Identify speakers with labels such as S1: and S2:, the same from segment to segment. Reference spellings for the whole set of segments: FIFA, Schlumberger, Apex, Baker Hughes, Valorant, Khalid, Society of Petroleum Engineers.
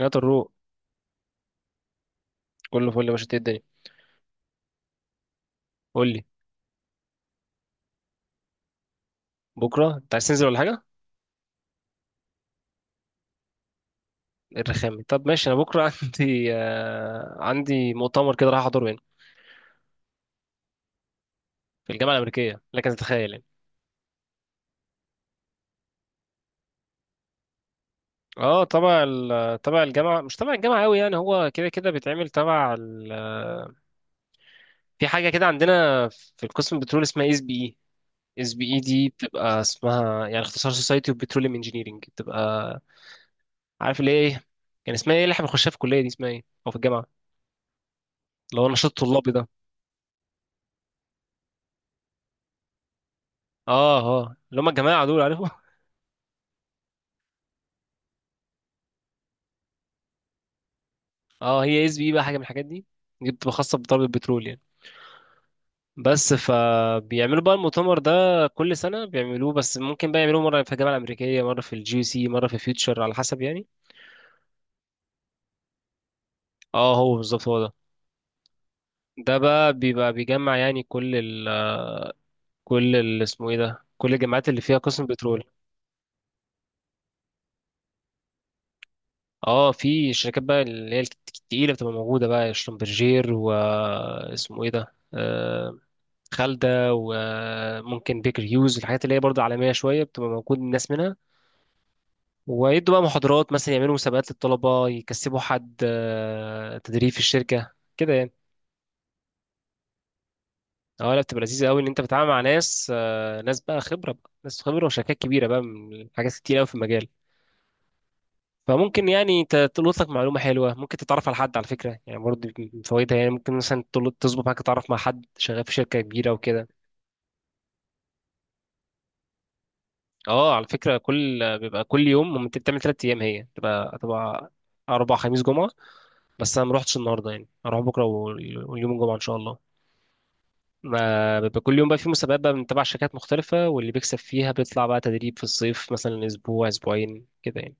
S1: يا طروق، كله فل يا باشا. إنت، إيه الدنيا؟ قول لي. بكره انت عايز تنزل ولا حاجه؟ إيه الرخامه؟ طب ماشي، انا بكره عندي مؤتمر كده راح احضره هنا في الجامعه الامريكيه، لكن تتخيل يعني. اه، تبع الجامعه، مش تبع الجامعه قوي يعني، هو كده كده بيتعمل تبع ال... آه، في حاجه كده عندنا في القسم البترول اسمها اس بي اي. اس بي اي دي بتبقى اسمها، يعني اختصار سوسايتي اوف بتروليوم انجينيرنج، بتبقى عارف اللي هي ايه. كان اسمها ايه اللي احنا بنخشها في الكليه دي؟ اسمها ايه او في الجامعه اللي هو نشاط طلابي ده؟ اه اه، اللي هم الجماعه دول، عارفهم. اه، هي اس بي بقى حاجه من الحاجات دي. دي بتبقى خاصه بضرب البترول يعني. بس فبيعملوا بقى المؤتمر ده كل سنه بيعملوه، بس ممكن بقى يعملوه مره في الجامعه الامريكيه، مره في الجي سي، مره في فيوتشر، على حسب يعني. اه، هو بالظبط هو ده. ده بقى بيبقى بيجمع يعني كل ال اسمه ايه ده، كل الجامعات اللي فيها قسم بترول. اه، في شركات بقى اللي هي التقيله بتبقى موجوده بقى، شلومبرجير، واسمه ايه ده، خالدة، وممكن بيكر هيوز، الحاجات اللي هي برضه عالمية شوية بتبقى موجود الناس منها. ويدوا بقى محاضرات، مثلا يعملوا مسابقات للطلبة، يكسبوا حد تدريب في الشركة كده يعني. اه لا، بتبقى لذيذة قوي ان انت بتتعامل مع ناس بقى خبرة، بقى ناس خبرة وشركات كبيرة بقى، من حاجات كتير قوي في المجال. فممكن يعني تلقط لك معلومة حلوة، ممكن تتعرف على حد، على فكرة يعني، برضه من فوائدها يعني. ممكن مثلا تظبط معاك تتعرف مع حد شغال في شركة كبيرة وكده. اه، على فكرة كل بيبقى كل يوم، ممكن بتعمل تلات أيام، هي تبقى أربع، خميس جمعة. بس أنا مروحتش النهاردة يعني، هروح بكرة وال- واليوم الجمعة إن شاء الله. ما بيبقى كل يوم بقى في مسابقات بقى من تبع شركات مختلفة، واللي بيكسب فيها بيطلع بقى تدريب في الصيف مثلا، أسبوع أسبوعين كده يعني.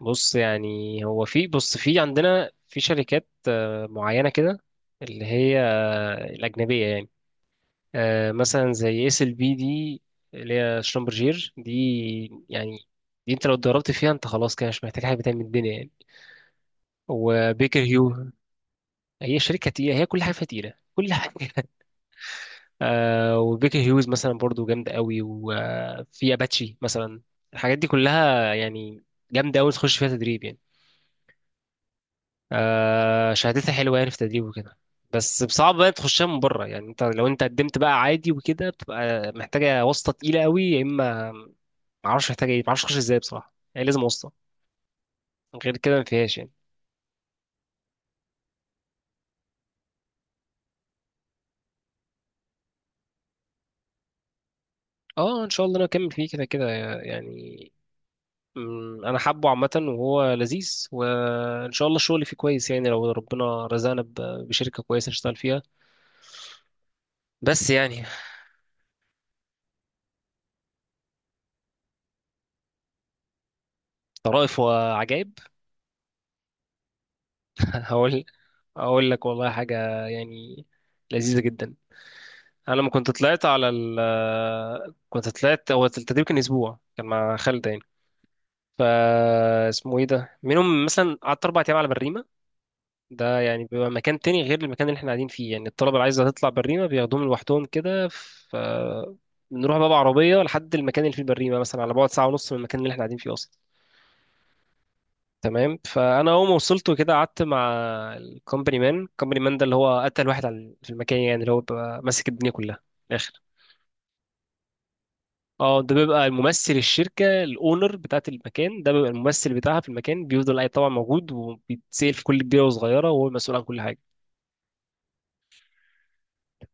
S1: بص يعني، هو في، بص، في عندنا في شركات معينة كده، اللي هي الأجنبية يعني، مثلا زي اس ال بي دي، اللي هي شلومبرجير دي يعني. دي انت لو اتدربت فيها انت خلاص كده، مش محتاج حاجه تاني من الدنيا يعني. وبيكر هيو، هي شركه تقيله، هي كل حاجه فيها تقيله، كل حاجه. وبيكر هيوز مثلا برضو جامده قوي، وفي اباتشي مثلا، الحاجات دي كلها يعني جامده قوي، تخش فيها تدريب يعني. شهادتها حلوه يعني، في تدريب وكده. بس صعب بقى تخشها من بره يعني. انت لو انت قدمت بقى عادي وكده، بتبقى محتاجه واسطه تقيله قوي، يا اما ما اعرفش محتاج ايه، ما اعرفش اخش ازاي بصراحه، يعني لازم واسطه. غير كده ما فيهاش يعني. اه ان شاء الله انا اكمل فيه كده كده يعني. انا حابه عامه وهو لذيذ، وان شاء الله الشغل فيه كويس يعني، لو ربنا رزقنا ب- بشركه كويسه نشتغل فيها، بس يعني. طرائف وعجائب؟ هقول، اقول لك والله حاجه يعني لذيذه جدا. انا لما كنت طلعت، هو التدريب كان اسبوع، كان مع خالد يعني. اسمه ايه ده، منهم مثلا قعدت اربع ايام على بريمه. ده يعني بيبقى مكان تاني غير المكان اللي احنا قاعدين فيه يعني، الطلبة اللي عايزة تطلع بريمة بياخدوهم لوحدهم كده. ف بنروح بقى بعربية لحد المكان اللي فيه البريمة، مثلا على بعد ساعة ونص من المكان اللي احنا قاعدين فيه أصلا. تمام، فأنا أول ما وصلت وكده قعدت مع الكومباني مان. الكومباني مان ده اللي هو أتقل واحد في المكان يعني، اللي هو بيبقى ماسك الدنيا كلها من الآخر. اه، ده بيبقى الممثل الشركة الأونر، بتاعت المكان ده بيبقى الممثل بتاعها في المكان، بيفضل أي طبعا موجود وبيتسأل في كل كبيرة وصغيرة، وهو المسؤول عن كل حاجة.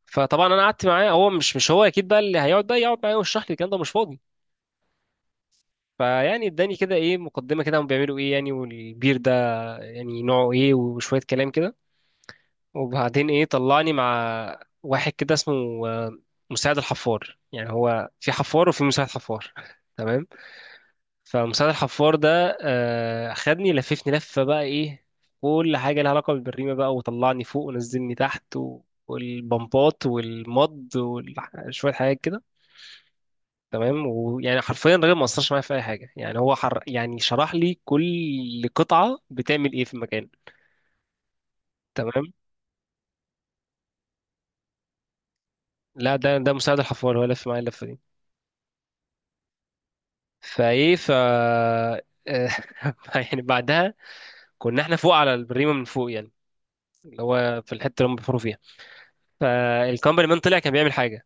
S1: فطبعا انا قعدت معاه، هو مش هو اكيد بقى اللي هيقعد بقى يقعد معايا ويشرح لي الكلام ده، مش فاضي. فيعني اداني كده ايه مقدمه كده، هم بيعملوا ايه يعني، والبير ده يعني نوعه ايه، وشويه كلام كده. وبعدين ايه، طلعني مع واحد كده اسمه آه، مساعد الحفار. يعني هو في حفار وفي مساعد حفار. تمام. فمساعد الحفار ده خدني لففني لفه بقى ايه، كل حاجه لها علاقه بالبريمه بقى، وطلعني فوق ونزلني تحت. والبمبات والمض وشوية حاجات كده. تمام، ويعني حرفيا الراجل ما اثرش معايا في اي حاجه يعني، هو حر يعني، شرح لي كل قطعه بتعمل ايه في المكان. تمام، لا، ده مساعد الحفار، هو لف معايا اللفه دي. فايه ف آه، يعني بعدها كنا احنا فوق على البريمه، من فوق يعني، اللي هو في الحته اللي هم بيحفروا فيها. فالكمبري مان طلع كان بيعمل حاجه،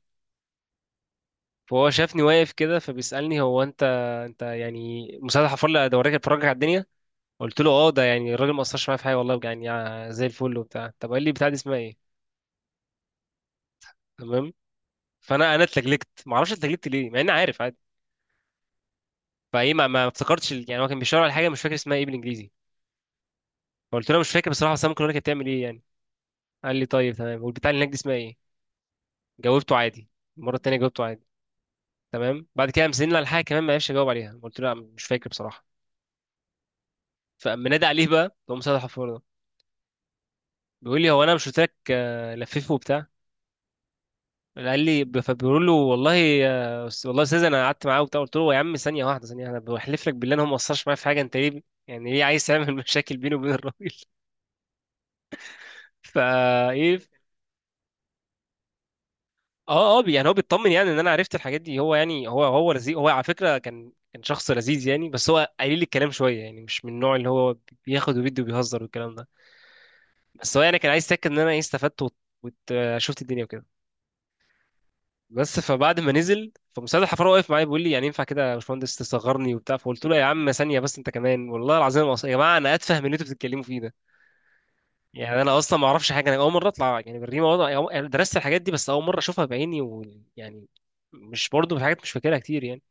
S1: فهو شافني واقف كده فبيسالني: هو انت، انت يعني مساعد الحفار اللي ده وراك اتفرجك على الدنيا؟ قلت له اه، ده يعني الراجل ما اثرش معايا في حاجه والله يعني، زي الفل وبتاع. طب قال لي: بتاع دي اسمها ايه؟ تمام. فانا اتلجلجت، ما اعرفش اتلجلجت ليه، مع اني عارف عادي. فايه ما, ما افتكرتش يعني، هو كان بيشاور على حاجه مش فاكر اسمها ايه بالانجليزي. فقلت له: مش فاكر بصراحه، بس انا ممكن اقول لك هي بتعمل ايه يعني. قال لي طيب تمام، والبتاع اللي هناك دي اسمها ايه؟ جاوبته عادي. المره التانيه جاوبته عادي. تمام. بعد كده قام سالني على حاجه كمان ما عرفش اجاوب عليها، قلت له لا مش فاكر بصراحه. فقام نادي عليه بقى، تقوم مسدح الحفار ده، بيقول لي: هو انا مش قلت لك لففه وبتاع؟ قال لي، فبيقول له: والله والله يا استاذ انا قعدت معاه وبتاع. قلت له يا عم ثانيه واحده، ثانيه، انا بحلف لك بالله انا ما قصرش معايا في حاجه، انت ليه يعني ليه عايز تعمل مشاكل بيني وبين الراجل؟ ايه. اه اه، يعني هو بيطمن يعني ان انا عرفت الحاجات دي. هو يعني هو لذيذ، هو على فكره كان شخص لذيذ يعني، بس هو قليل الكلام شويه يعني، مش من النوع اللي هو بياخد وبيدي وبيهزر والكلام ده. بس هو يعني كان عايز يتاكد ان انا ايه استفدت وشفت الدنيا وكده. بس، فبعد ما نزل فمستشفى الحفاره واقف معايا بيقول لي: يعني ينفع كده يا باشمهندس تصغرني وبتاع؟ فقلت له: يا عم ثانيه بس انت كمان، والله العظيم يا جماعه انا اتفه من اللي انتوا بتتكلموا فيه ده يعني. انا اصلا ما اعرفش حاجه، انا اول مره اطلع يعني بالريمه وضع، يعني درست الحاجات دي بس اول مره اشوفها بعيني، ويعني مش برضه في حاجات مش فاكرها كتير يعني.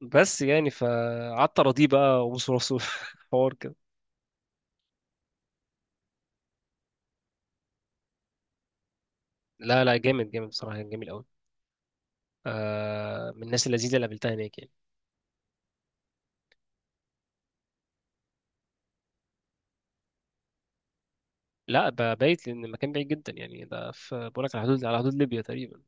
S1: بس يعني، فقعدت اراضيه بقى وبص راسه. حوار كده. لا لا، جامد جامد بصراحه، كان جميل قوي. آه، من الناس اللذيذه اللي قابلتها هناك يعني. لا، بايت، لان المكان بعيد جدا يعني. ده، في، بقول لك على حدود ليبيا تقريبا.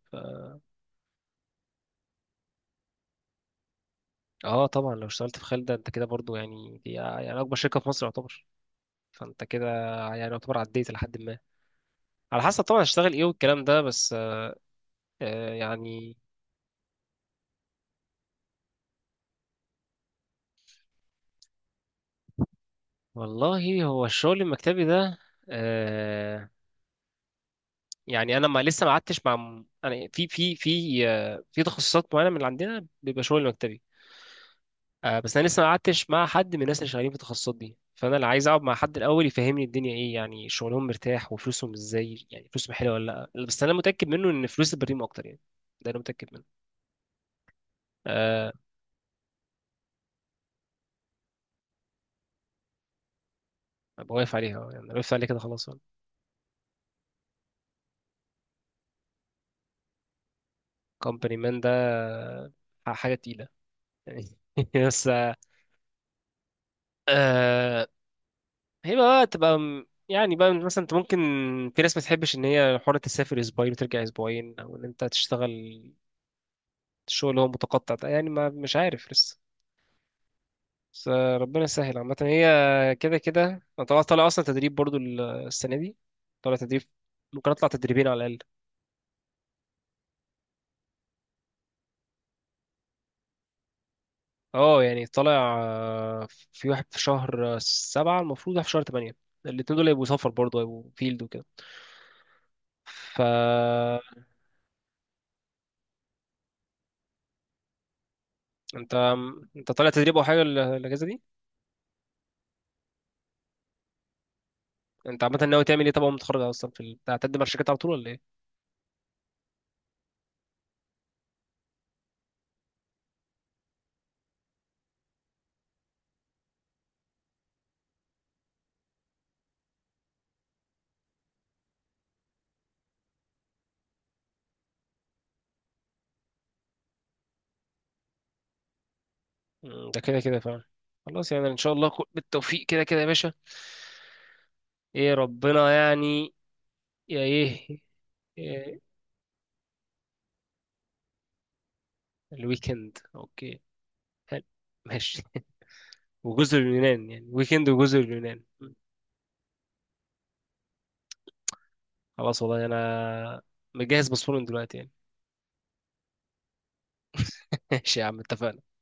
S1: اه طبعا، لو اشتغلت في خالد انت كده برضو يعني، دي يعني اكبر شركه في مصر يعتبر، فانت كده يعني يعتبر عديت لحد ما، على حسب طبعا هشتغل ايه والكلام ده بس. يعني والله، هو الشغل المكتبي ده آه يعني، انا ما لسه ما قعدتش مع، انا في تخصصات معينه من اللي عندنا بيبقى شغل مكتبي. بس انا لسه ما قعدتش مع حد من الناس اللي شغالين في التخصصات دي، فانا اللي عايز اقعد مع حد الاول يفهمني الدنيا ايه، يعني شغلهم مرتاح وفلوسهم ازاي، يعني فلوسهم حلوه ولا لا، بس انا متاكد منه ان فلوس البريم اكتر يعني. ده انا متاكد منه. أه. أبقى واقف عليها، يعني أنا وقفت عليه كده خلاص. كومباني مان ده حاجه تقيله يعني. بس. آه، هي بقى تبقى يعني بقى، مثلا انت ممكن، في ناس ما تحبش ان هي حرة تسافر اسبوعين وترجع اسبوعين، او ان انت تشتغل شغل هو متقطع ده يعني، ما مش عارف لسه. بس ربنا يسهل عامة، هي كده كده. انا طالع اصلا تدريب برضو السنة دي. طالع تدريب، ممكن اطلع تدريبين على الأقل. اه يعني طالع، آه، في واحد في شهر سبعة، المفروض واحد في شهر تمانية. الاتنين دول هيبقوا سفر برضو، هيبقوا فيلد وكده. ف انت انت طالع تدريب او حاجة الاجازة دي؟ انت عامة ناوي تعمل ايه؟ طبعا لما تتخرج اصلا هتقدم على الشركات على طول ولا ايه؟ ده كده كده فعلا. خلاص يعني، ان شاء الله بالتوفيق كده كده يا باشا. ايه ربنا يعني، يا ايه. إيه، الويكند اوكي، حلو، ماشي. وجزر اليونان يعني، ويكند وجزر اليونان. خلاص والله، انا مجهز باسبور من دلوقتي يعني. ماشي يا عم، اتفقنا.